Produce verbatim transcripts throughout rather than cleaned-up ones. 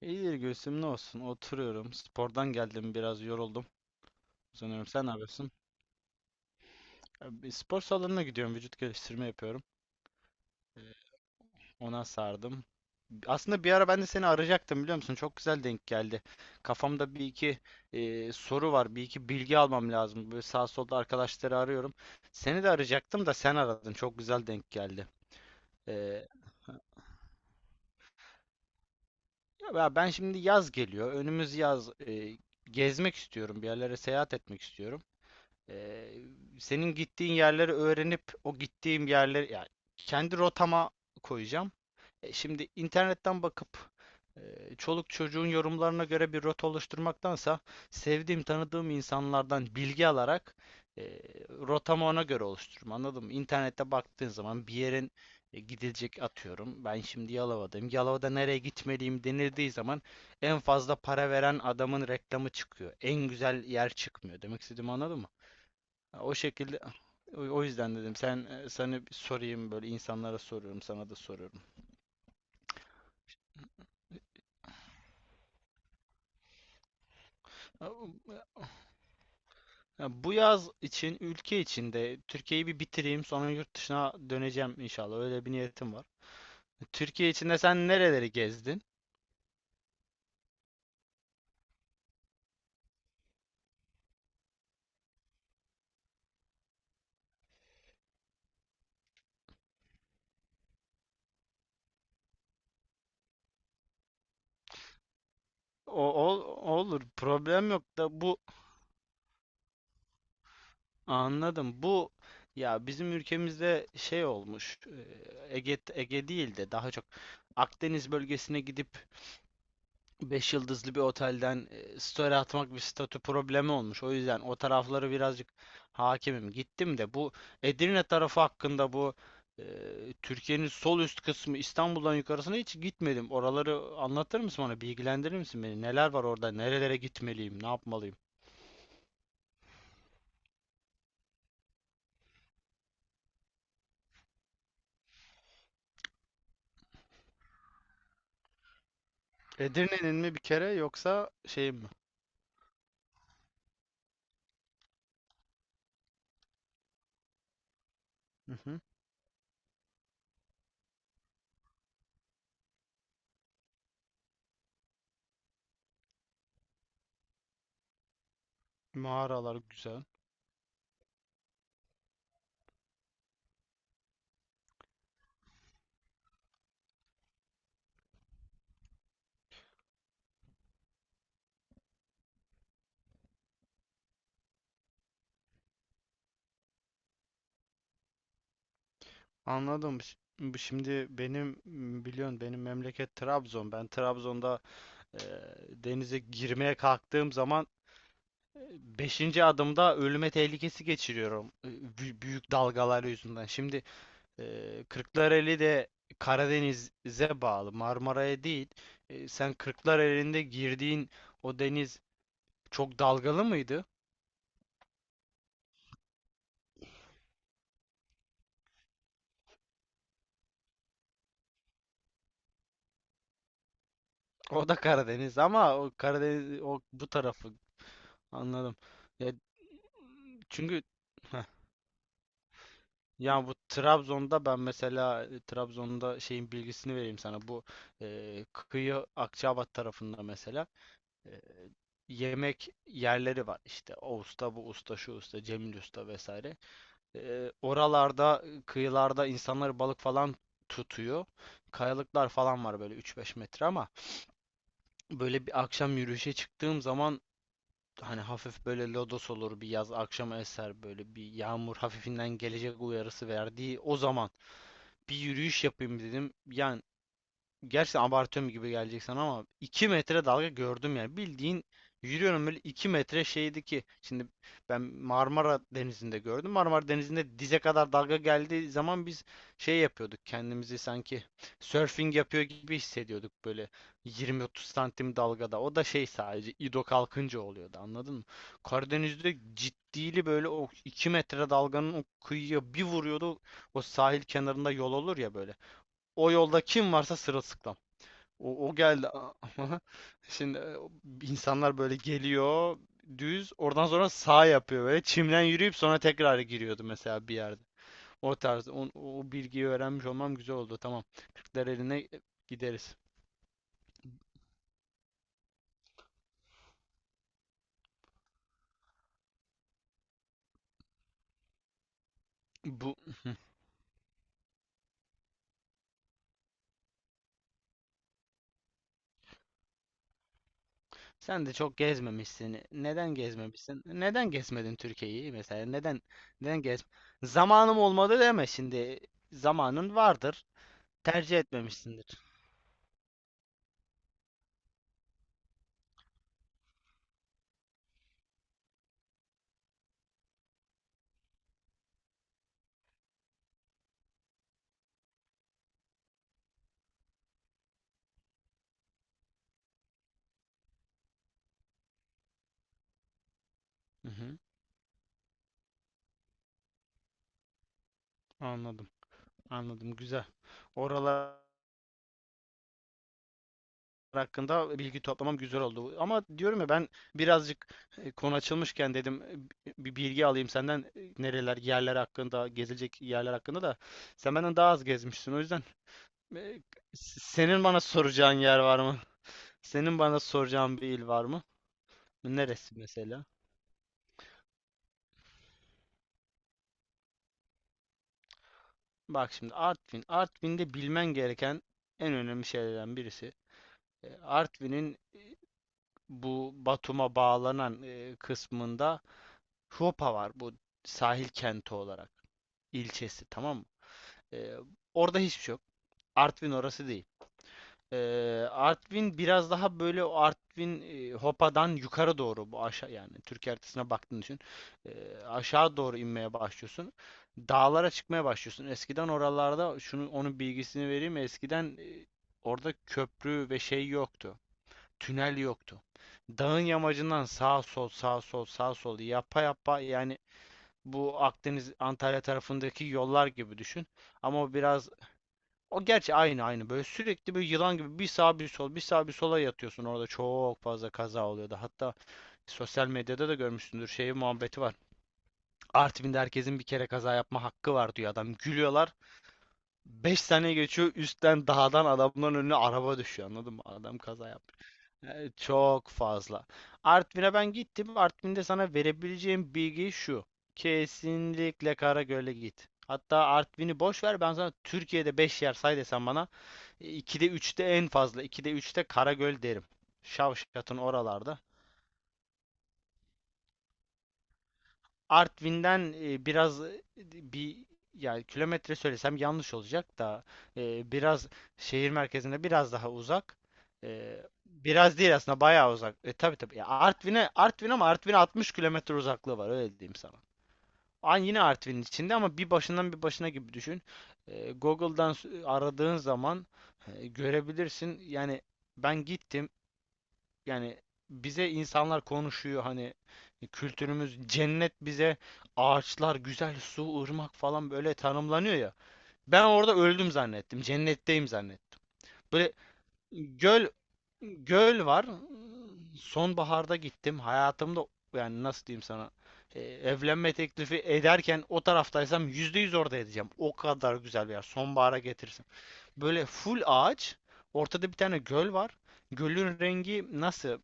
İyidir Gülsüm ne olsun oturuyorum. Spordan geldim biraz yoruldum. Uzanıyorum. Sen ne yapıyorsun? E, bir spor salonuna gidiyorum. Vücut geliştirme yapıyorum. Ona sardım. Aslında bir ara ben de seni arayacaktım biliyor musun? Çok güzel denk geldi. Kafamda bir iki e, soru var. Bir iki bilgi almam lazım. Böyle sağ solda arkadaşları arıyorum. Seni de arayacaktım da sen aradın. Çok güzel denk geldi. E, Ya ben şimdi yaz geliyor. Önümüz yaz. E, gezmek istiyorum. Bir yerlere seyahat etmek istiyorum. Ee, Senin gittiğin yerleri öğrenip o gittiğim yerleri yani kendi rotama koyacağım. E, şimdi internetten bakıp e, çoluk çocuğun yorumlarına göre bir rota oluşturmaktansa sevdiğim tanıdığım insanlardan bilgi alarak e, rotamı ona göre oluştururum. Anladın mı? İnternette baktığın zaman bir yerin e, gidilecek atıyorum. Ben şimdi Yalova'dayım. Yalova'da nereye gitmeliyim denildiği zaman en fazla para veren adamın reklamı çıkıyor. En güzel yer çıkmıyor. Demek istediğimi anladın mı? Ha, o şekilde o o yüzden dedim sen e, sana bir sorayım, böyle insanlara soruyorum sana da soruyorum. Ha, bu- ha, bu yaz için ülke içinde Türkiye'yi bir bitireyim, sonra yurt dışına döneceğim inşallah, öyle bir niyetim var. E, Türkiye içinde sen nereleri gezdin? O, ol- olur, problem yok da bu anladım bu ya bizim ülkemizde şey olmuş. e, Ege Ege değil de daha çok Akdeniz bölgesine gidip beş yıldızlı bir otelden e, story atmak bir statü problemi olmuş. O yüzden o tarafları birazcık hakimim. Gittim de bu Edirne tarafı hakkında bu e, Türkiye'nin sol üst kısmı, İstanbul'dan yukarısına hiç gitmedim. Oraları anlatır mısın bana? Bilgilendirir misin beni? Neler var orada? Nerelere gitmeliyim? Ne yapmalıyım? Edirne'nin mi bir kere yoksa şey mi? Hı hı. Mağaralar güzel. Anladım. Ş- bu şimdi benim m, biliyorsun benim memleket Trabzon. Ben Trabzon'da Ee, denize girmeye kalktığım zaman beşinci adımda ölüme tehlikesi geçiriyorum e, bü- büyük dalgalar yüzünden. Şimdi e, Kırklareli de Karadeniz'e bağlı, Marmara'ya değil. E, sen Kırklareli'nde girdiğin o deniz çok dalgalı mıydı? O da Karadeniz ama o Karadeniz o bu tarafı, anladım. Ya çünkü… Ya bu Trabzon'da ben mesela e, Trabzon'da şeyin bilgisini vereyim sana. Bu e, kıyı Akçaabat tarafında mesela e, yemek yerleri var. İşte o usta, bu usta, şu usta, Cemil usta vesaire. E, oralarda e, kıyılarda insanlar balık falan tutuyor. Kayalıklar falan var böyle üç beş metre, ama böyle bir akşam yürüyüşe çıktığım zaman, hani hafif böyle lodos olur bir yaz akşama eser, böyle bir yağmur hafifinden gelecek uyarısı verdiği o zaman bir yürüyüş yapayım dedim. Yani. Gerçekten abartıyorum gibi gelecek sana ama iki metre dalga gördüm yani. Bildiğin yürüyorum böyle iki metre şeydi ki. Şimdi ben Marmara Denizi'nde gördüm. Marmara Denizi'nde dize kadar dalga geldiği zaman biz şey yapıyorduk. Kendimizi sanki surfing yapıyor gibi hissediyorduk, böyle yirmi otuz santim dalgada. O da şey sadece İdo kalkınca oluyordu, anladın mı? Karadeniz'de ciddili böyle o iki metre dalganın o kıyıya bir vuruyordu. O sahil kenarında yol olur ya böyle. O yolda kim varsa sırılsıklam. O, o geldi. Şimdi e, insanlar böyle geliyor düz oradan, sonra sağ yapıyor böyle çimden yürüyüp sonra tekrar giriyordu mesela bir yerde. O tarz o, o bilgiyi öğrenmiş olmam güzel oldu. Tamam. Kırklar eline e, gideriz. Bu sen de çok gezmemişsin. Neden gezmemişsin? Neden gezmedin Türkiye'yi mesela? Neden neden gez? Zamanım olmadı deme şimdi. Zamanın vardır. Tercih etmemişsindir. Hı hı, anladım. Anladım. Güzel. Oralar hakkında bilgi toplamam güzel oldu. Ama diyorum ya, ben birazcık e, konu açılmışken dedim e, bir bilgi alayım senden, e, nereler, yerler hakkında, gezilecek yerler hakkında da sen benden daha az gezmişsin. O yüzden… Ve senin bana soracağın yer var mı? Senin bana soracağın bir il var mı? Neresi mesela? Bak şimdi Artvin. Artvin'de bilmen gereken en önemli şeylerden birisi. e, Artvin'in e, bu Batum'a bağlanan e, kısmında Huopa var, bu sahil kenti olarak ilçesi, tamam mı? E, Orada hiçbir şey yok. Artvin orası değil. Eee, Artvin biraz daha böyle, o Artvin e, Hopa'dan yukarı doğru, bu aşağı, yani Türkiye haritasına baktığını düşün. Eee, aşağı doğru inmeye başlıyorsun. Dağlara çıkmaya başlıyorsun. Eskiden oralarda şunu, onun bilgisini vereyim. Eskiden e, orada köprü ve şey yoktu. Tünel yoktu. Dağın yamacından sağ sol sağ sol sağ sol yapa yapa, yani bu Akdeniz Antalya tarafındaki yollar gibi düşün. Ama o biraz, o gerçi aynı aynı böyle sürekli bir yılan gibi bir sağa bir sol bir sağa bir sola yatıyorsun, orada çok fazla kaza oluyordu. Hatta sosyal medyada da görmüşsündür şey muhabbeti var. Artvin'de herkesin bir kere kaza yapma hakkı var diyor adam, gülüyorlar. Beş sene geçiyor üstten dağdan adamların önüne araba düşüyor, anladın mı? Adam kaza yapmış. Yani çok fazla. Artvin'e ben gittim. Artvin'de sana verebileceğim bilgi şu. Kesinlikle Karagöl'e git. Hatta Artvin'i boş ver, ben sana Türkiye'de beş yer say desem bana ikide üçte, en fazla ikide üçte Karagöl derim. Şavşat'ın oralarda. Artvin'den e, biraz e, bir, yani kilometre söylesem yanlış olacak da e, biraz şehir merkezine biraz daha uzak. E, biraz değil aslında, bayağı uzak. E, tabii tabii. Ya Artvin'e, Artvin ama Artvin'e altmış kilometre uzaklığı var, öyle diyeyim sana. Aynı yine Artvin'in içinde ama bir başından bir başına gibi düşün. E, Google'dan s- aradığın zaman e, görebilirsin. Yani ben gittim. Yani bize insanlar konuşuyor, hani kültürümüz cennet bize, ağaçlar, güzel su, ırmak falan böyle tanımlanıyor ya. Ben orada öldüm zannettim. Cennetteyim zannettim. Böyle göl göl var. Sonbaharda gittim. Hayatımda, yani nasıl diyeyim sana, e, evlenme teklifi ederken o taraftaysam yüzde yüz orada edeceğim. O kadar güzel bir yer. Sonbahara getirsin. Böyle full ağaç. Ortada bir tane göl var. Gölün rengi nasıl?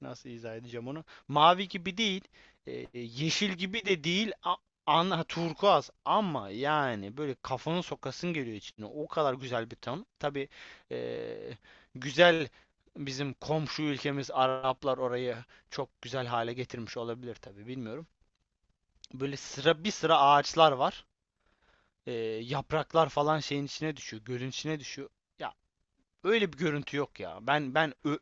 Nasıl izah edeceğim onu? Mavi gibi değil, e, yeşil gibi de değil, a- ana turkuaz, ama yani böyle kafanı sokasın geliyor içine. O kadar güzel bir ton. Tabii e, güzel, bizim komşu ülkemiz Araplar orayı çok güzel hale getirmiş olabilir tabii, bilmiyorum. Böyle sıra bir sıra ağaçlar var. E, Yapraklar falan şeyin içine düşüyor, gölün içine düşüyor. Ya öyle bir görüntü yok ya. Ben ben ö-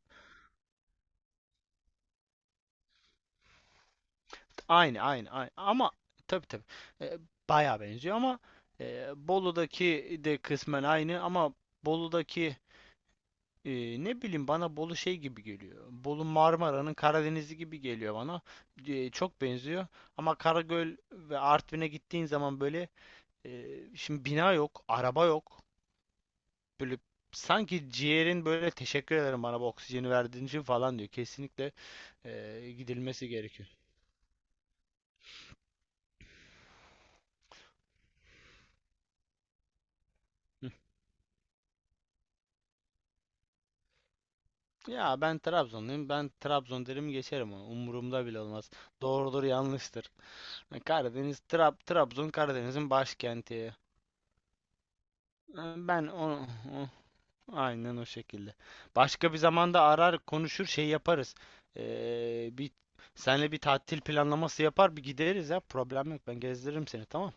aynı aynı aynı ama, tabii tabii e, bayağı benziyor ama e, Bolu'daki de kısmen aynı ama Bolu'daki e, ne bileyim, bana Bolu şey gibi geliyor. Bolu Marmara'nın Karadeniz'i gibi geliyor bana. E, çok benziyor ama Karagöl ve Artvin'e gittiğin zaman böyle e, şimdi bina yok, araba yok. Böyle sanki ciğerin böyle teşekkür ederim bana bu oksijeni verdiğin için falan diyor. Kesinlikle e, gidilmesi gerekiyor. Ya ben Trabzonluyum. Ben Trabzon derim geçerim onu. Umurumda bile olmaz. Doğrudur yanlıştır. Ha, Karadeniz, Trab Trabzon Karadeniz'in başkenti. Ha, Ben onu, o- aynen o şekilde. Başka bir zamanda arar konuşur şey yaparız. Ee, bir senle bir tatil planlaması yapar bir gideriz ya. Problem yok. Ben gezdiririm seni, tamam.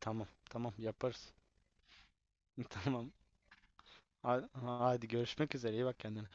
Tamam tamam, yaparız. Tamam. Ha- Hadi, görüşmek üzere. İyi bak kendine.